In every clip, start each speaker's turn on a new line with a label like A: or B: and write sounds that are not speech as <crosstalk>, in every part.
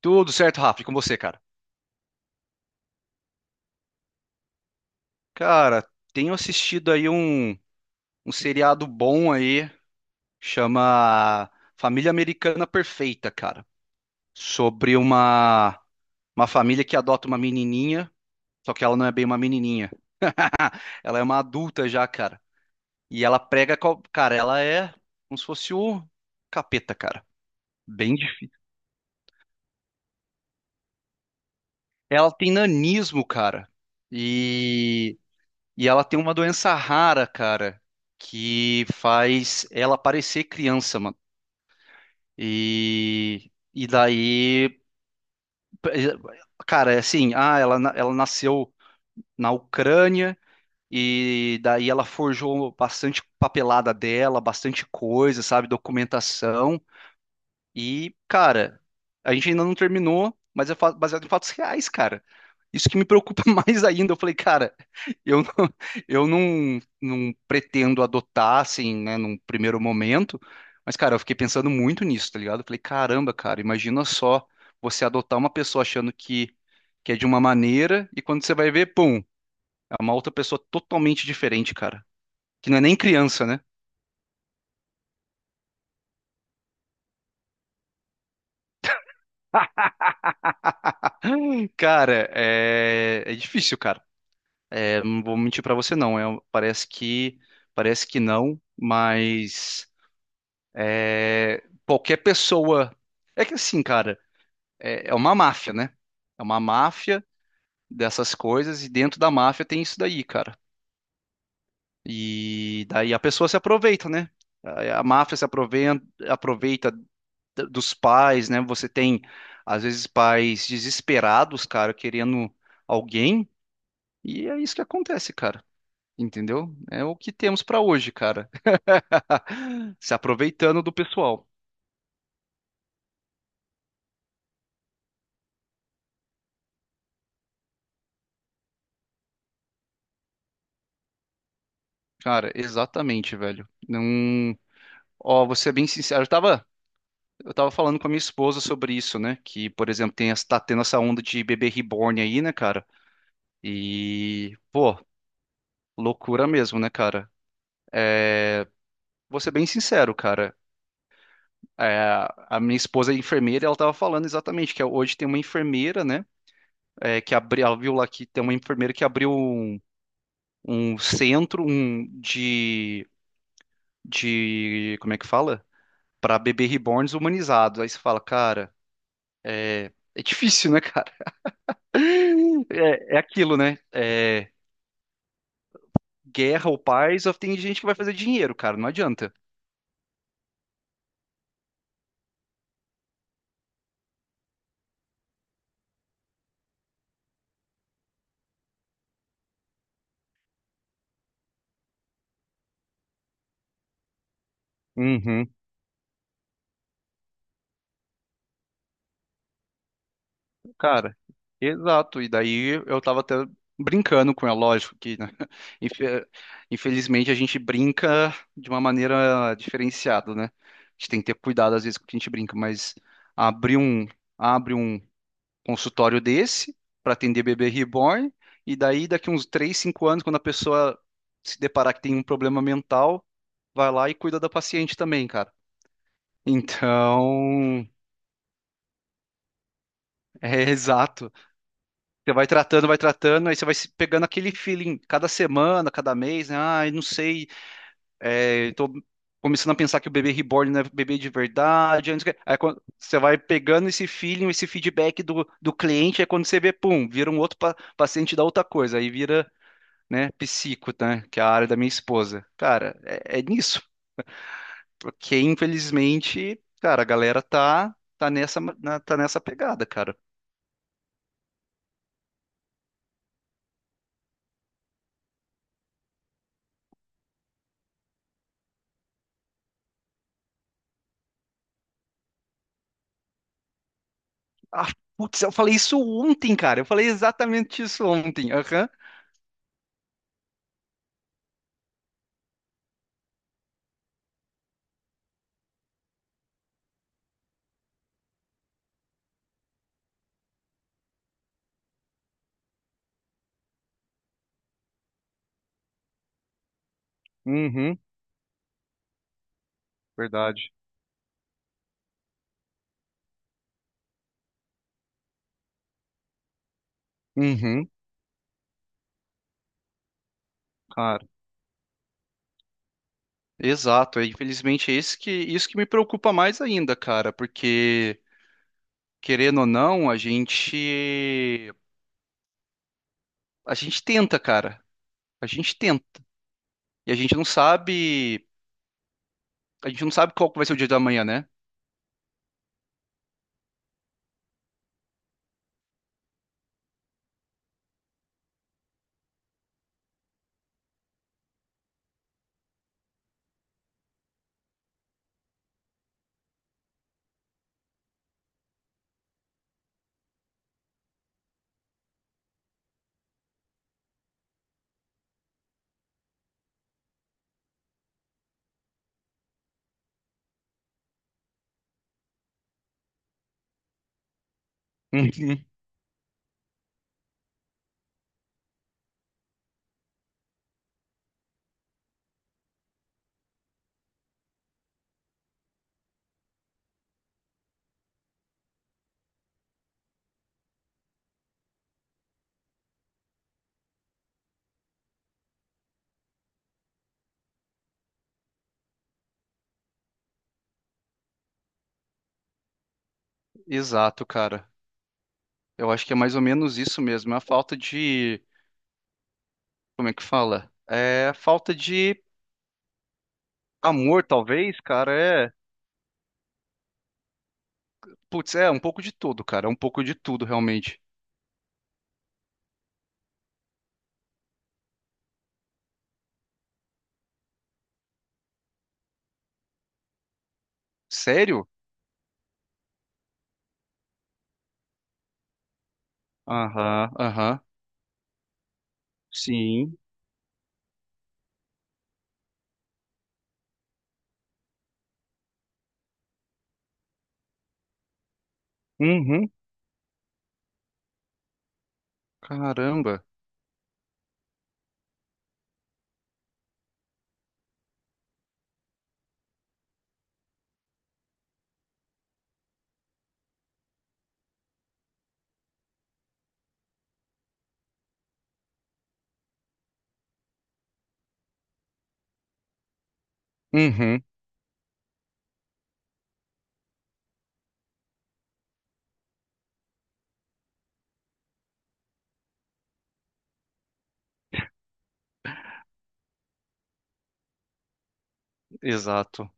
A: Tudo certo, Rafa, e com você, cara? Cara, tenho assistido aí um seriado bom aí, chama Família Americana Perfeita, cara. Sobre uma família que adota uma menininha, só que ela não é bem uma menininha. Ela é uma adulta já, cara. E ela prega, cara, ela é como se fosse o capeta, cara. Bem, ela tem nanismo, cara. E, e ela tem uma doença rara, cara, que faz ela parecer criança, mano. E daí, cara, é assim, ela nasceu na Ucrânia e daí ela forjou bastante papelada dela, bastante coisa, sabe, documentação. E, cara, a gente ainda não terminou, mas é baseado em fatos reais, cara. Isso que me preocupa <laughs> mais ainda. Eu falei, cara, eu não, eu não, não pretendo adotar, assim, né, num primeiro momento. Mas, cara, eu fiquei pensando muito nisso, tá ligado? Eu falei, caramba, cara, imagina só você adotar uma pessoa achando que é de uma maneira e quando você vai ver, pum, é uma outra pessoa totalmente diferente, cara. Que não é nem criança, né? <gasps> <laughs> Cara, é difícil, cara. É, não vou mentir pra você não, parece que não, mas é, qualquer pessoa é que assim, cara, é uma máfia, né? É uma máfia dessas coisas e dentro da máfia tem isso daí, cara. E daí a pessoa se aproveita, né? A máfia se aproveita, aproveita dos pais, né? Você tem às vezes pais desesperados, cara, querendo alguém e é isso que acontece, cara. Entendeu? É o que temos pra hoje, cara. <laughs> Se aproveitando do pessoal. Cara, exatamente, velho. Não. Ó, vou ser bem sincero. Eu tava falando com a minha esposa sobre isso, né? Que, por exemplo, tá tendo essa onda de bebê reborn aí, né, cara? E, pô, loucura mesmo, né, cara? Vou ser bem sincero, cara. É, a minha esposa é enfermeira, e ela tava falando exatamente que hoje tem uma enfermeira, né? É, que abriu, ela viu lá que tem uma enfermeira que abriu um centro de como é que fala? Para bebê reborns humanizados. Aí você fala, cara, é difícil, né, cara? <laughs> É aquilo, né? É, guerra ou paz, só tem gente que vai fazer dinheiro, cara, não adianta. Uhum. Cara, exato. E daí eu tava até brincando com ela, lógico que, né? <laughs> Infe- Infelizmente a gente brinca de uma maneira diferenciada, né? A gente tem que ter cuidado às vezes com o que a gente brinca, mas abrir um, abre um consultório desse para atender bebê reborn, e daí daqui uns 3 5 anos, quando a pessoa se deparar que tem um problema mental, vai lá e cuida da paciente também, cara. Então, <laughs> é exato. Você vai tratando, aí você vai se pegando aquele feeling cada semana, cada mês, né? Ah, eu não sei, tô começando a pensar que o bebê reborn não é bebê de verdade. Aí quando você vai pegando esse feeling, esse feedback do cliente, aí quando você vê, pum, vira um outro paciente da outra coisa, aí vira, né? Psico, né? Que é a área da minha esposa. Cara, é nisso. Porque, infelizmente, cara, a galera tá nessa pegada, cara. Ah, putz, eu falei isso ontem, cara. Eu falei exatamente isso ontem. Aham. Uhum, verdade. Uhum, cara. Exato. Infelizmente, é isso que me preocupa mais ainda, cara. Porque, querendo ou não, a gente tenta, cara. A gente tenta. E a gente não sabe qual que vai ser o dia da manhã, né? Uhum. Exato, cara. Eu acho que é mais ou menos isso mesmo. É a falta de. Como é que fala? É a falta de amor, talvez, cara. É. Putz, é um pouco de tudo, cara. É um pouco de tudo, realmente. Sério? Aham, aham. Sim. Uhum. Caramba. Uhum. Exato.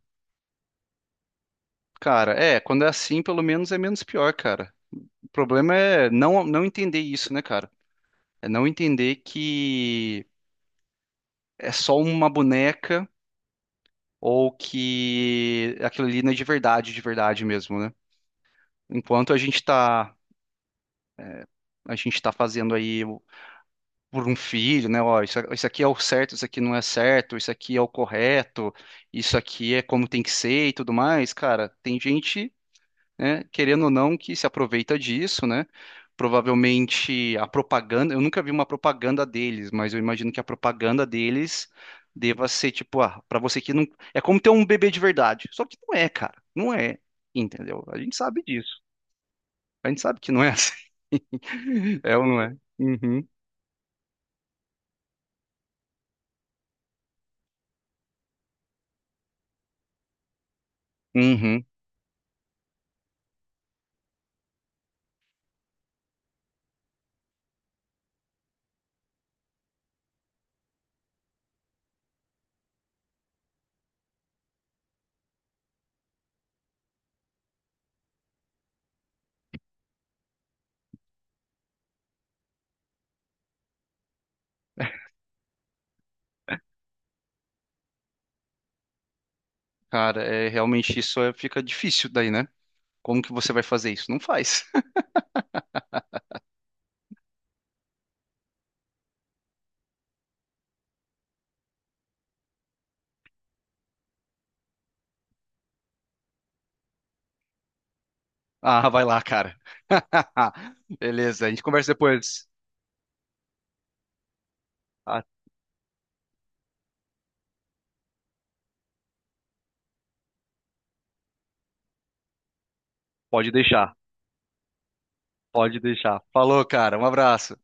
A: Cara, é. Quando é assim, pelo menos é menos pior, cara. O problema é não entender isso, né, cara? É não entender que é só uma boneca. Ou que aquilo ali não é de verdade mesmo, né? Enquanto a gente tá fazendo aí por um filho, né? Ó, isso aqui é o certo, isso aqui não é certo, isso aqui é o correto, isso aqui é como tem que ser e tudo mais, cara, tem gente, né? Querendo ou não, que se aproveita disso, né? Provavelmente a propaganda, eu nunca vi uma propaganda deles, mas eu imagino que a propaganda deles deva ser tipo, para você que não, é como ter um bebê de verdade. Só que não é, cara, não é, entendeu? A gente sabe disso. A gente sabe que não é assim. <laughs> É ou não é? Uhum. Uhum. Cara, é realmente isso. Fica difícil daí, né? Como que você vai fazer isso? Não faz. <laughs> Ah, vai lá, cara. <laughs> Beleza, a gente conversa depois. Ah, pode deixar. Pode deixar. Falou, cara. Um abraço.